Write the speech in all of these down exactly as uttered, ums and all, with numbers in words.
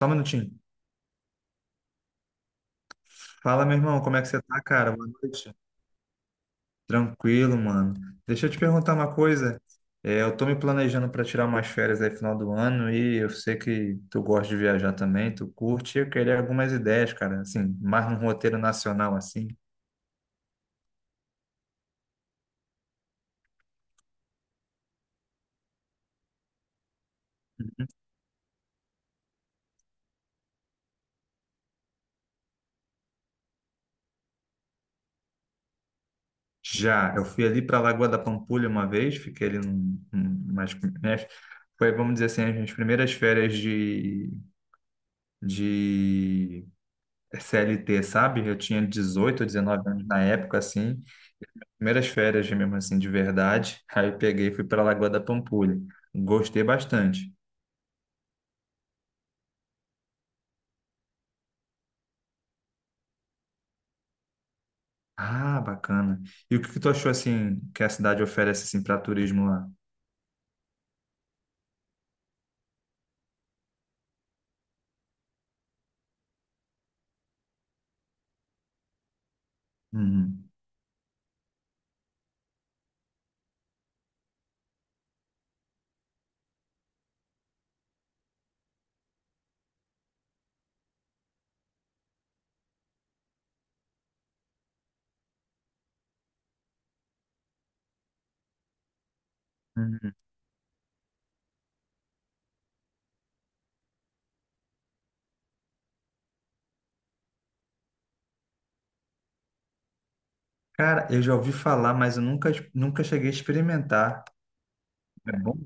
Só um minutinho. Fala, meu irmão, como é que você tá, cara? Boa noite. Tranquilo, mano. Deixa eu te perguntar uma coisa. É, eu tô me planejando para tirar umas férias aí final do ano e eu sei que tu gosta de viajar também, tu curte e Eu queria algumas ideias, cara, assim, mais num roteiro nacional, assim. Já, eu fui ali para Lagoa da Pampulha uma vez, fiquei ali num, num, umas, né, foi, vamos dizer assim, as minhas primeiras férias de, de C L T, sabe? Eu tinha dezoito ou dezenove anos na época, assim. Primeiras férias mesmo assim, de verdade. Aí eu peguei e fui para Lagoa da Pampulha. Gostei bastante. Ah, bacana. E o que que tu achou assim que a cidade oferece assim para turismo lá? Uhum. Uhum. Cara, eu já ouvi falar, mas eu nunca, nunca cheguei a experimentar. É bom?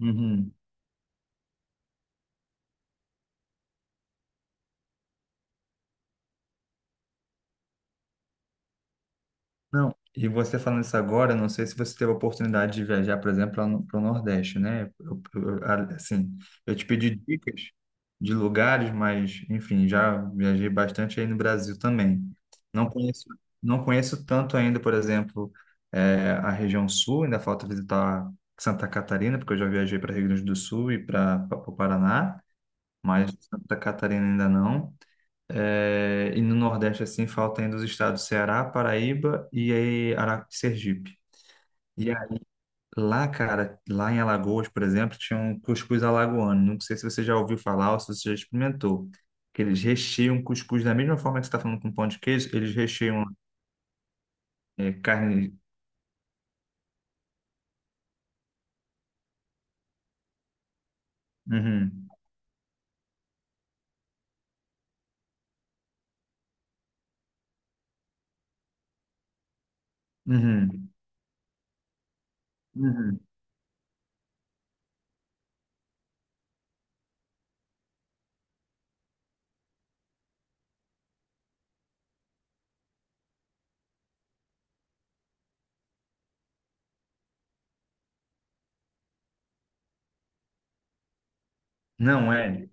Uhum. Não, e você falando isso agora, não sei se você teve a oportunidade de viajar, por exemplo, para o Nordeste, né? Eu, eu- a- assim, eu te pedi dicas de lugares, mas, enfim, já viajei bastante aí no Brasil também. Não conheço, não conheço tanto ainda, por exemplo, eh, a região sul, ainda falta visitar Santa Catarina, porque eu já viajei para Rio Grande do Sul e para o Paraná, mas Santa Catarina ainda não. É, e no Nordeste, assim, falta ainda os estados Ceará, Paraíba e aí Ara- Sergipe. E aí, lá, cara, lá em Alagoas, por exemplo, tinha um cuscuz alagoano. Não sei se você já ouviu falar ou se você já experimentou. Que eles recheiam cuscuz da mesma forma que você está falando com pão de queijo, eles recheiam é, carne. Uhum, uhum, uhum. Não é.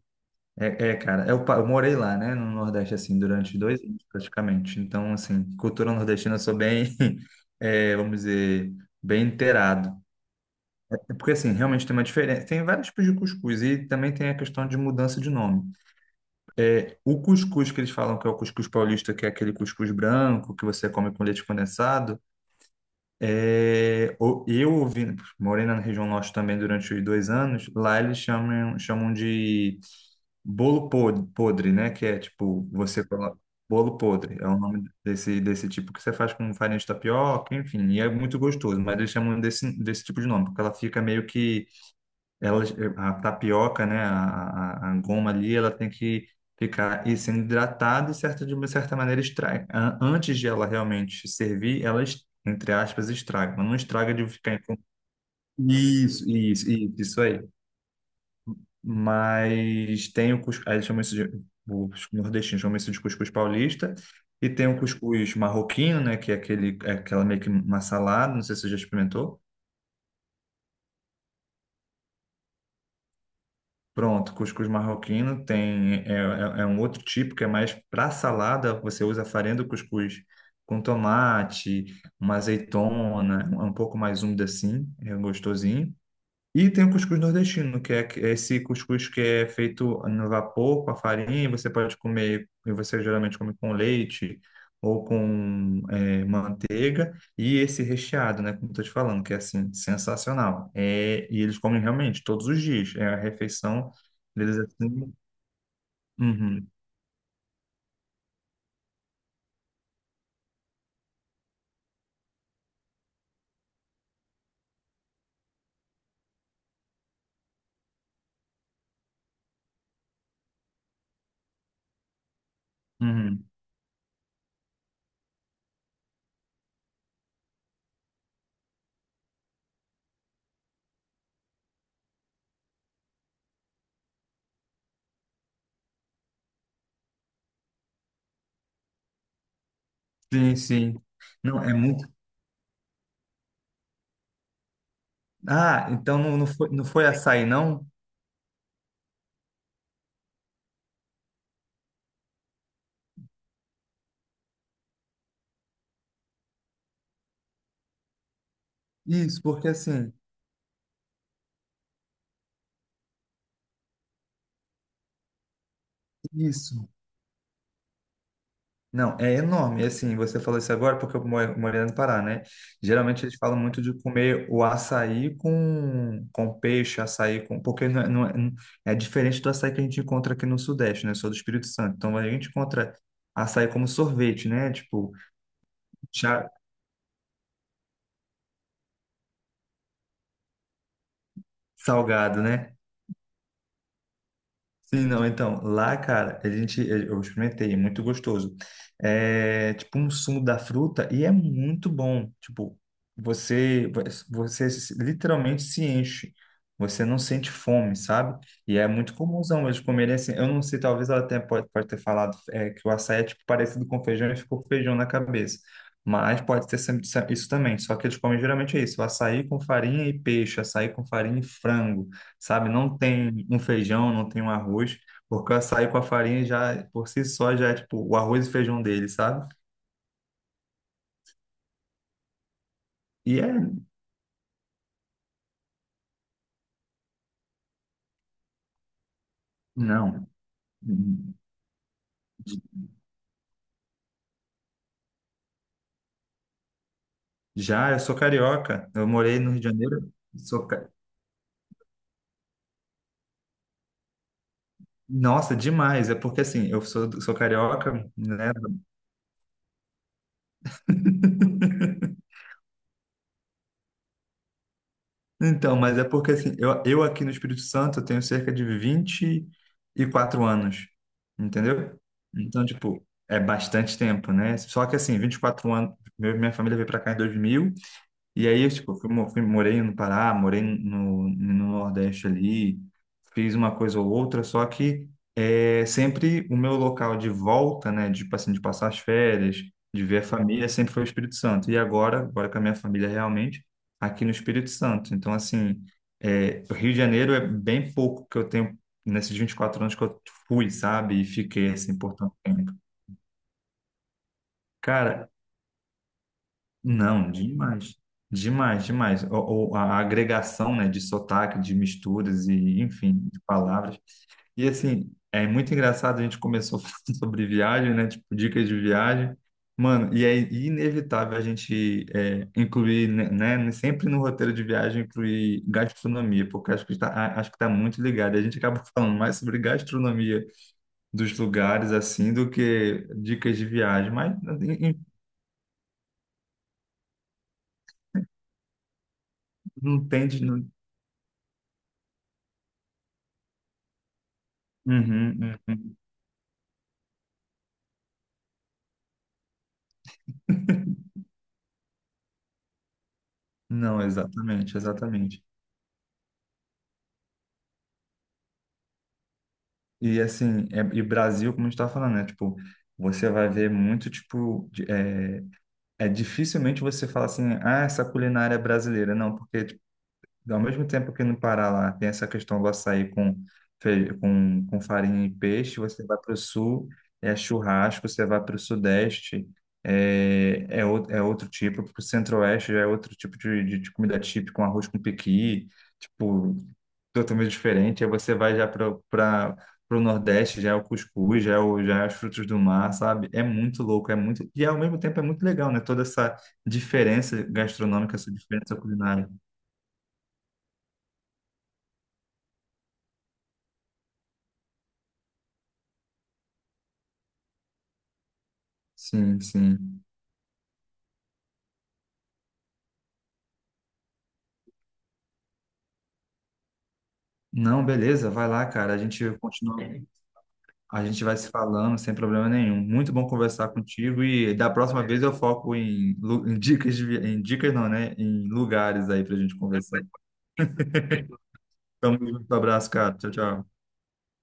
É, é, cara, eu, pa- eu morei lá, né, no Nordeste, assim, durante dois anos, praticamente. Então, assim, cultura nordestina eu sou bem, é, vamos dizer, bem inteirado. É Porque, assim, realmente tem uma diferença. Tem vários tipos de cuscuz e também tem a questão de mudança de nome. O cuscuz que eles falam que é o cuscuz paulista, que é aquele cuscuz branco que você come com leite condensado, é, o- eu ouvi, morei na região norte também durante os dois anos, lá eles chamam, chamam de Bolo pod- podre, né? Que é tipo, você coloca. Bolo podre é o nome desse, desse tipo que você faz com farinha de tapioca, enfim, e é muito gostoso, mas eles chamam desse, desse tipo de nome, porque ela fica meio que. Ela, a tapioca, né? A, a, a goma ali, ela tem que ficar e sendo hidratada e certa, de uma certa maneira estraga. A- Antes de ela realmente servir, ela, es- entre aspas, estraga, mas não estraga de ficar. em- Isso, isso, isso, isso aí, mas tem o cuscuz, aí eles chamam isso de, os nordestinos chamam isso de cuscuz paulista, e tem o cuscuz marroquino, né, que é aquele, é aquela meio que uma salada, não sei se você já experimentou. Pronto, cuscuz marroquino tem, é, é, é um outro tipo que é mais para salada, você usa a farinha do cuscuz com tomate, uma azeitona, um um pouco mais úmida assim, é gostosinho. E tem o cuscuz nordestino, que é que- é esse cuscuz que é feito no vapor, com a farinha, você pode comer, e você geralmente come com leite ou com é, manteiga, e esse recheado, né, como eu tô te falando, que é assim, sensacional. É, e eles comem realmente todos os dias, é a refeição deles assim. Uhum, uhum. Sim, sim. Não, é muito. Ah, então não, não foi, não foi açaí, não? Isso, porque assim, isso. Não, é enorme. E, assim, você falou isso agora porque eu mo- morei no Pará, né? Geralmente eles falam muito de comer o açaí com, com peixe, açaí com. Porque não, é- não, é não- é diferente do açaí que a gente encontra aqui no Sudeste, né? Eu sou do Espírito Santo. Então a gente encontra açaí como sorvete, né? Tipo, chá salgado, né? Sim, não, então, lá, cara, a gente, eu experimentei, é muito gostoso. É tipo um sumo da fruta e é muito bom. Tipo, você, você se- literalmente se enche. Você não sente fome, sabe? E é muito comumzão eles comerem assim. Eu não sei, talvez ela até pode, pode ter falado é, que o açaí é tipo parecido com feijão e ficou feijão na cabeça. Mas pode ter sempre isso também. Só que eles comem geralmente é isso: o açaí com farinha e peixe, açaí com farinha e frango, sabe? Não tem um feijão, não tem um arroz, porque o açaí com a farinha já, por si só, já é tipo o arroz e feijão dele, sabe? E é, não, já, eu sou carioca, eu morei no Rio de Janeiro, sou, ca- nossa, demais, é porque assim, eu, sou, sou carioca, né? Então, mas é porque assim, eu, eu aqui no Espírito Santo eu tenho cerca de vinte e quatro anos, entendeu? Então, tipo, é bastante tempo, né? Só que assim, vinte e quatro anos, meu- minha família veio pra cá em dois mil. E aí, eu, tipo, fui, mo- fui- morei no Pará, morei no, no Nordeste ali, fiz uma coisa ou outra, só que é, sempre o meu local de volta, né, de, tipo assim, de passar as férias, de ver a família, sempre foi o Espírito Santo. E agora, agora com a minha família realmente, aqui no Espírito Santo. Então, assim, é, o Rio de Janeiro é bem pouco que eu tenho nesses vinte e quatro anos que eu fui, sabe? E fiquei, assim, por tanto tempo. Cara, não, demais. Demais, demais. O, o- a agregação, né, de sotaque, de misturas e, enfim, de palavras. E assim, é muito engraçado, a gente começou falando sobre viagem, né, tipo, dicas de viagem. Mano, e é inevitável a gente é, incluir, né, né, sempre no roteiro de viagem, incluir gastronomia, porque acho que está, a- acho que está muito ligado. A gente acaba falando mais sobre gastronomia dos lugares, assim, do que dicas de viagem, mas em- em- não tem de... não-. Uhum, uhum. Não, exatamente, exatamente. E assim, é, e Brasil, como a gente tá falando, né? Tipo, você vai ver muito, tipo, de- é, é dificilmente você fala assim, ah, essa culinária é brasileira. Não, porque tipo, ao mesmo tempo que no Pará lá tem essa questão do açaí com, fe- com, com farinha e peixe, você vai para o sul, é churrasco, você vai para o sudeste, é, é, outro, é outro tipo, para o centro-oeste já é outro tipo de, de, de comida típica, com arroz com pequi. Tipo, totalmente diferente. Aí você vai já para para o Nordeste, já é o cuscuz, já é, o, já é os frutos do mar, sabe? É muito louco, é muito. E ao mesmo tempo é muito legal, né? Toda essa diferença gastronômica, essa diferença culinária. Sim, sim. Não, beleza, vai lá, cara. A gente continua. A gente vai se falando sem problema nenhum. Muito bom conversar contigo e da próxima vez eu foco em, lu- em dicas, de vi- em dicas não, né? Em lugares aí pra gente conversar. Então, um abraço, cara. Tchau, tchau.